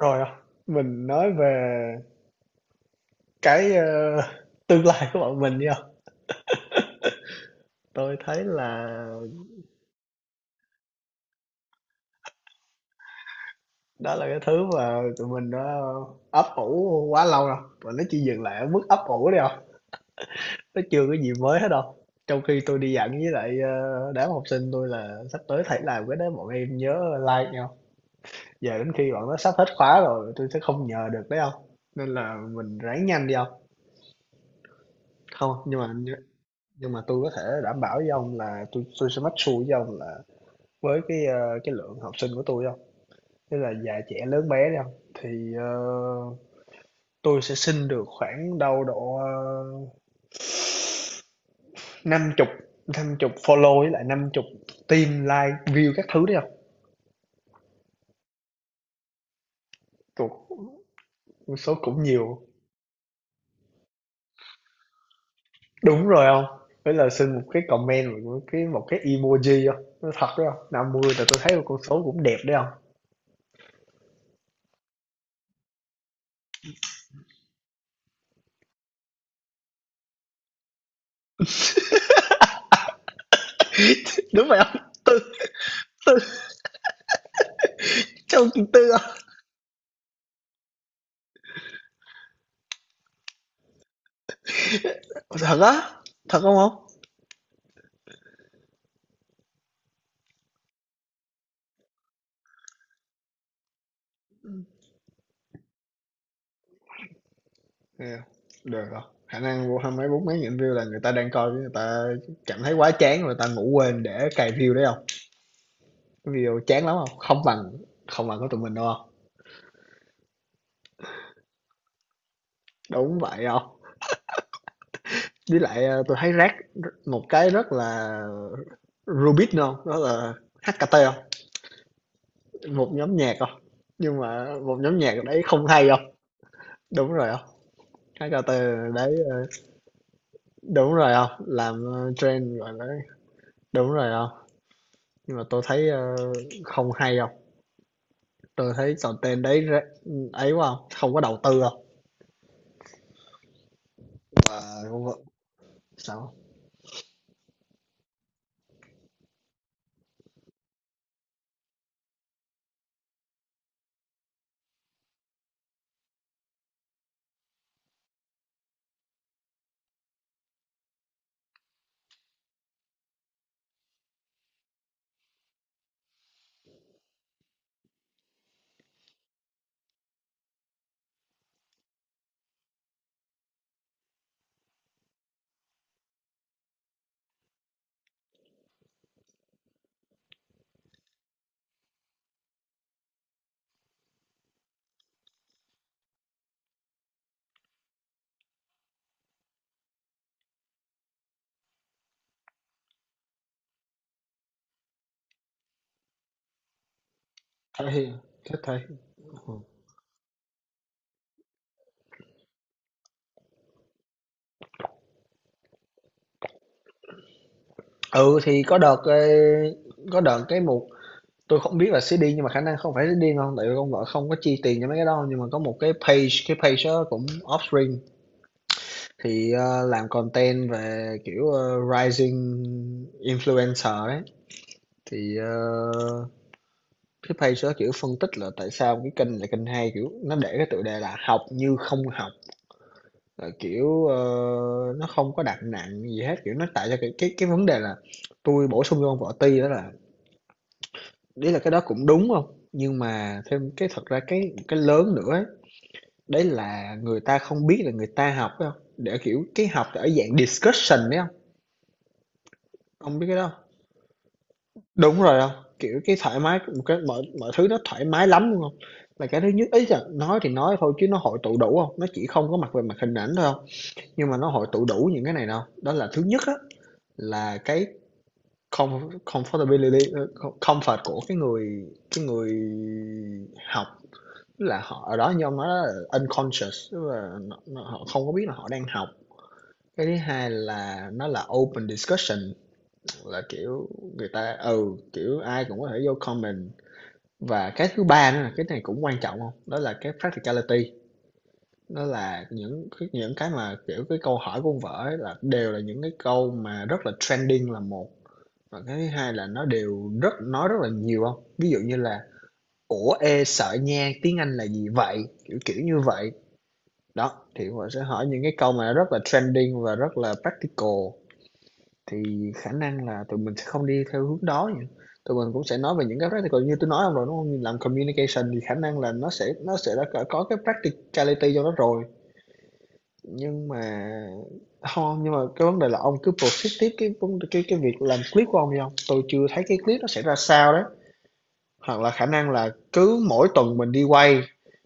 Rồi à, mình nói về cái, ơ, tương lai của bọn mình đi. Tôi thấy là đó là cái thứ mà tụi mình đã ấp ủ quá lâu rồi, và nó chỉ dừng lại ở mức ấp ủ đi không, nó chưa có gì mới hết đâu. Trong khi tôi đi dặn với lại, đám học sinh tôi là sắp tới thầy làm cái đó bọn em nhớ like nhau, giờ đến khi bọn nó sắp hết khóa rồi tôi sẽ không nhờ được đấy không? Nên là mình ráng nhanh đi không? Không, nhưng nhưng mà tôi có thể đảm bảo với ông là tôi sẽ make sure với ông là với cái lượng học sinh của tôi không, tức là già trẻ lớn bé đi ông, thì, ờ, tôi sẽ xin được khoảng đâu độ, năm chục 50 follow với lại 50 tim like, view các thứ đấy không. Thuộc số cũng nhiều. Đúng rồi không, với là xin một cái comment, một cái emoji không, nó thật đó, 50 là tôi thấy một con số cũng đẹp đấy không. Đúng vậy không tư tư trong tư ông. Thật á, thật không ông? Yeah. Được rồi. Khả năng vô hai mấy bốn mấy nghìn view là người ta đang coi, người ta cảm thấy quá chán rồi, người ta ngủ quên để cài view đấy không? Cái video chán lắm không? Không bằng của tụi mình đâu không? Đúng vậy không? Với lại tôi thấy rác một cái rất là Rubik nữa không? Đó là HKT không? Một nhóm nhạc không? Nhưng mà một nhóm nhạc đấy không hay không? Đúng rồi không? HKT đấy đúng rồi không? Làm trend gọi là đúng rồi không? Nhưng mà tôi thấy không hay không? Tôi thấy content đấy ra ấy quá hông? Không có đầu tư không. Và cũng vẫn sao? Thấy hiện thích thể ừ. Ừ, thì có đợt, ê, có đợt cái mục tôi không biết là xí điên, nhưng mà khả năng không phải xí điên đâu, tại vì con vợ không có chi tiền cho mấy cái đó, nhưng mà có một cái page đó cũng offspring thì, làm content về, kiểu, rising influencer ấy. Thì, cái page đó, kiểu, phân tích là tại sao cái kênh là kênh hay, kiểu, nó để cái tựa đề là "Học như không học". Là kiểu nó không có đặt nặng gì hết, kiểu nó tạo ra cái vấn đề là tôi bổ sung cho ông võ ti đó là đấy là cái đó cũng đúng không, nhưng mà thêm cái thật ra cái lớn nữa ấy, đấy là người ta không biết là người ta học phải không, để kiểu cái học ở dạng discussion đấy không. Ông biết cái đó không? Đúng rồi không, kiểu cái thoải mái, cái mọi mọi thứ nó thoải mái lắm, đúng không? Là cái thứ nhất ấy, là nói thì nói thôi chứ nó hội tụ đủ không, nó chỉ không có mặt về mặt hình ảnh thôi không, nhưng mà nó hội tụ đủ những cái này đâu, đó là thứ nhất á, là cái comfortability comfort của cái người học, là họ ở đó như ông nói đó là unconscious, tức là họ không có biết là họ đang học. Cái thứ hai là nó là open discussion, là kiểu người ta ừ kiểu ai cũng có thể vô comment. Và cái thứ ba nữa là cái này cũng quan trọng không, đó là cái practicality, đó là những cái mà kiểu cái câu hỏi của ông vợ ấy là đều là những cái câu mà rất là trending là một. Và cái thứ hai là nó đều rất nói rất là nhiều không. Ví dụ như là "Ủa, ê, sợ nha, tiếng Anh là gì vậy?" Kiểu, kiểu như vậy. Đó, thì họ sẽ hỏi những cái câu mà rất là trending và rất là practical, thì khả năng là tụi mình sẽ không đi theo hướng đó nhỉ. Tụi mình cũng sẽ nói về những cái practical như tôi nói ông rồi, đúng hông? Làm communication thì khả năng là nó sẽ đã có cái practicality cho nó rồi, nhưng mà không, nhưng mà cái vấn đề là ông cứ proceed tiếp cái việc làm clip của ông đi không, tôi chưa thấy cái clip nó sẽ ra sao đấy. Hoặc là khả năng là cứ mỗi tuần mình đi quay,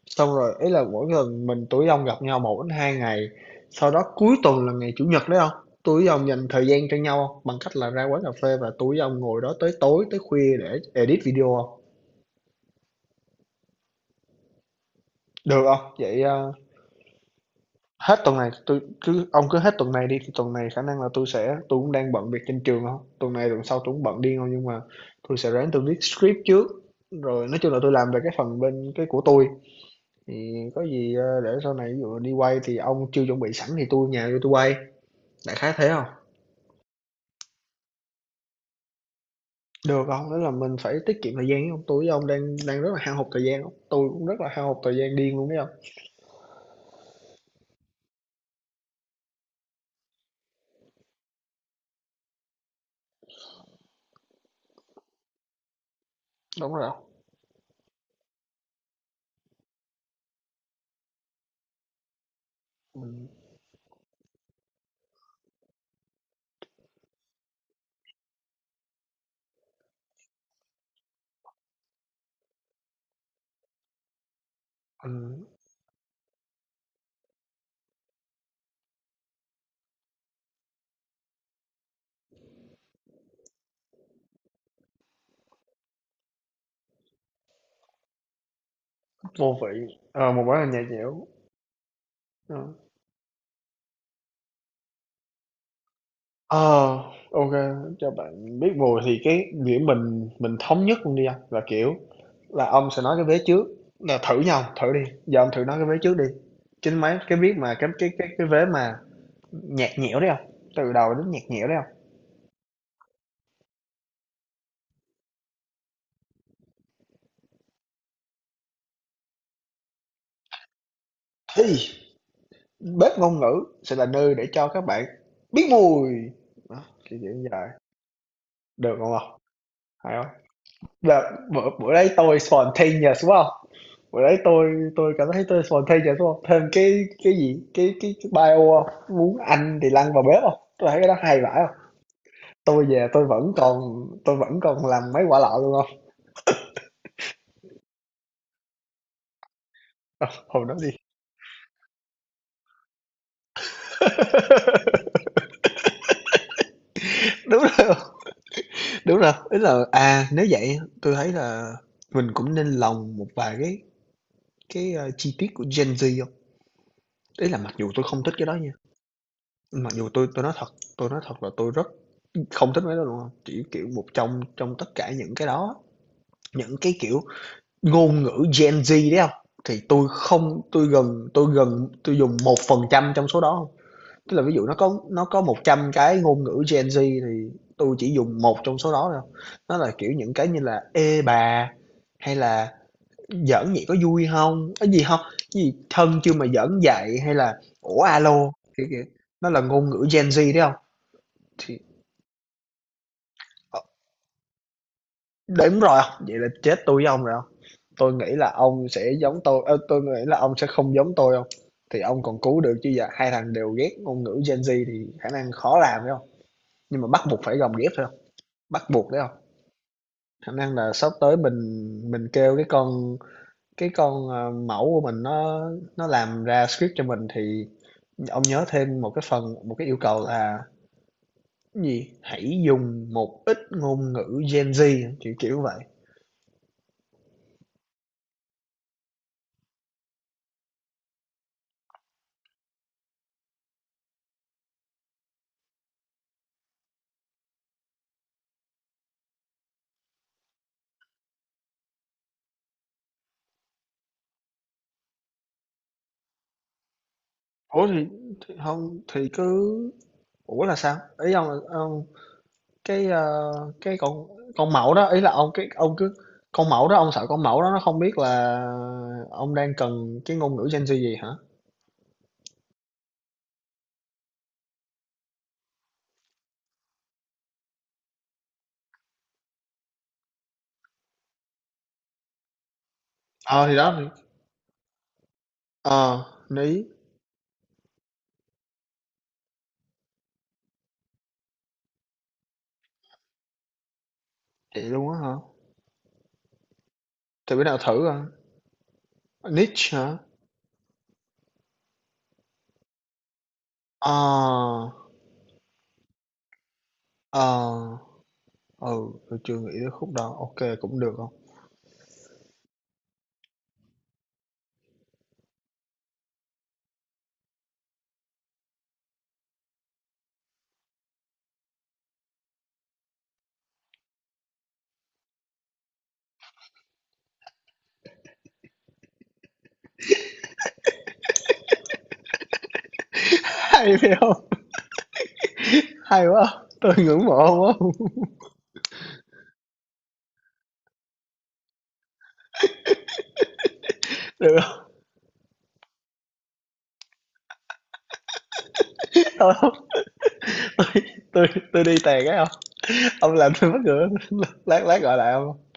xong rồi ấy là mỗi lần mình tụi ông gặp nhau một đến hai ngày, sau đó cuối tuần là ngày Chủ nhật đấy không. Tụi ông dành thời gian cho nhau hông? Bằng cách là ra quán cà phê và tụi ông ngồi đó tới tối, tới khuya để edit video không. Được không? Vậy, hết tuần này tôi cứ ông cứ hết tuần này đi, thì tuần này khả năng là tôi sẽ tôi cũng đang bận việc trên trường không, tuần này tuần sau tôi cũng bận điên không, nhưng mà tôi sẽ ráng tui viết script trước, rồi nói chung là tôi làm về cái phần bên cái của tôi, thì có gì để sau này ví dụ đi quay thì ông chưa chuẩn bị sẵn thì tôi nhà tôi quay, đại khái thế không. Được không, đó là mình phải tiết kiệm thời gian chứ không tôi với ông đang đang rất là hao hụt thời gian đó. Tôi cũng rất là hao hụt thời gian điên luôn đấy không. Đúng rồi không, mình, mình vô vị một món là nhà nhẽo. Ờ. Ờ, ok, cho bạn biết mùi thì cái điểm mình thống nhất luôn đi anh, là kiểu là ông sẽ nói cái vế trước, là thử nhau, thử đi. Giờ ông thử nói cái vế trước đi. Chính mấy cái biết mà cái vế mà nhạt nhẽo đấy không. Từ đầu đến nhạt nhẽo đấy không. Thì bếp ngôn ngữ sẽ là nơi để cho các bạn biết mùi. Đó, kiểu, kiểu như vậy. Được không hông? Hay không? Là bữa bữa đấy tôi spontaneous, đúng không? Bữa đấy tôi cảm thấy tôi spontaneous, đúng không? Thêm cái gì, cái bio hông? Muốn ăn thì lăn vào bếp không? Tôi thấy cái đó hay vãi không? Tôi về tôi vẫn còn làm mấy quả lọ luôn không? Ờ, hồi đó thì đúng rồi. Đúng rồi, ý là, à, nếu vậy tôi thấy là mình cũng nên lồng một vài cái chi tiết của Gen Z không. Ý là mặc dù tôi không thích cái đó nha, mặc dù tôi nói thật, tôi nói thật là tôi rất không thích mấy cái đó luôn á, chỉ, kiểu, một trong trong tất cả những cái đó, những cái, kiểu, ngôn ngữ Gen Z đấy không, thì tôi không tôi dùng 1% trong số đó. Tức là ví dụ nó có 100 cái ngôn ngữ Gen Z, thì tôi chỉ dùng một trong số đó thôi. Nó là, kiểu, những cái như là "Ê bà" hay là "Giỡn vậy có vui không? Cái gì không, cái gì "Thân chưa mà giỡn dạy", hay là "Ủa alo", kiểu kiểu. Nó là ngôn ngữ Gen Z đấy không. Thì ờ, đúng rồi, không vậy là chết tôi với ông rồi hông? Tôi nghĩ là ông sẽ giống tôi tôi nghĩ là ông sẽ không giống tôi không. Thì ông còn cứu được, chứ giờ hai thằng đều ghét ngôn ngữ Gen Z thì khả năng khó làm phải không. Nhưng mà bắt buộc phải gồng ghép thôi. Bắt buộc đấy không? Khả năng là sắp tới mình kêu cái con, mẫu của mình, nó làm ra script cho mình thì ông nhớ thêm một cái phần, một cái yêu cầu là cái gì? Hãy dùng một ít ngôn ngữ Gen Z, kiểu, kiểu vậy. Ủa, thì hông thì cứ ủa là sao? Ý ông là ông cái, ơ, cái con mẫu đó, ý là ông ông cứ con mẫu đó, ông sợ con mẫu đó nó không biết là ông đang cần cái ngôn ngữ Gen Z gì hả? Ờ, thì đó, ờ, Ní, vậy luôn á hả? Thì bữa nào thử à. Niche hả? Ờ, ờ, ừ, tôi chưa nghĩ tới khúc đó. Ô cũng được không? Hay phải hông? Hay quá. Tôi ngưỡng mộ ông quá. Được hông? Thôi hông? Tui tui tui đi tè cái hông? Ông làm tôi mắc cười. Lát lát gọi lại ông.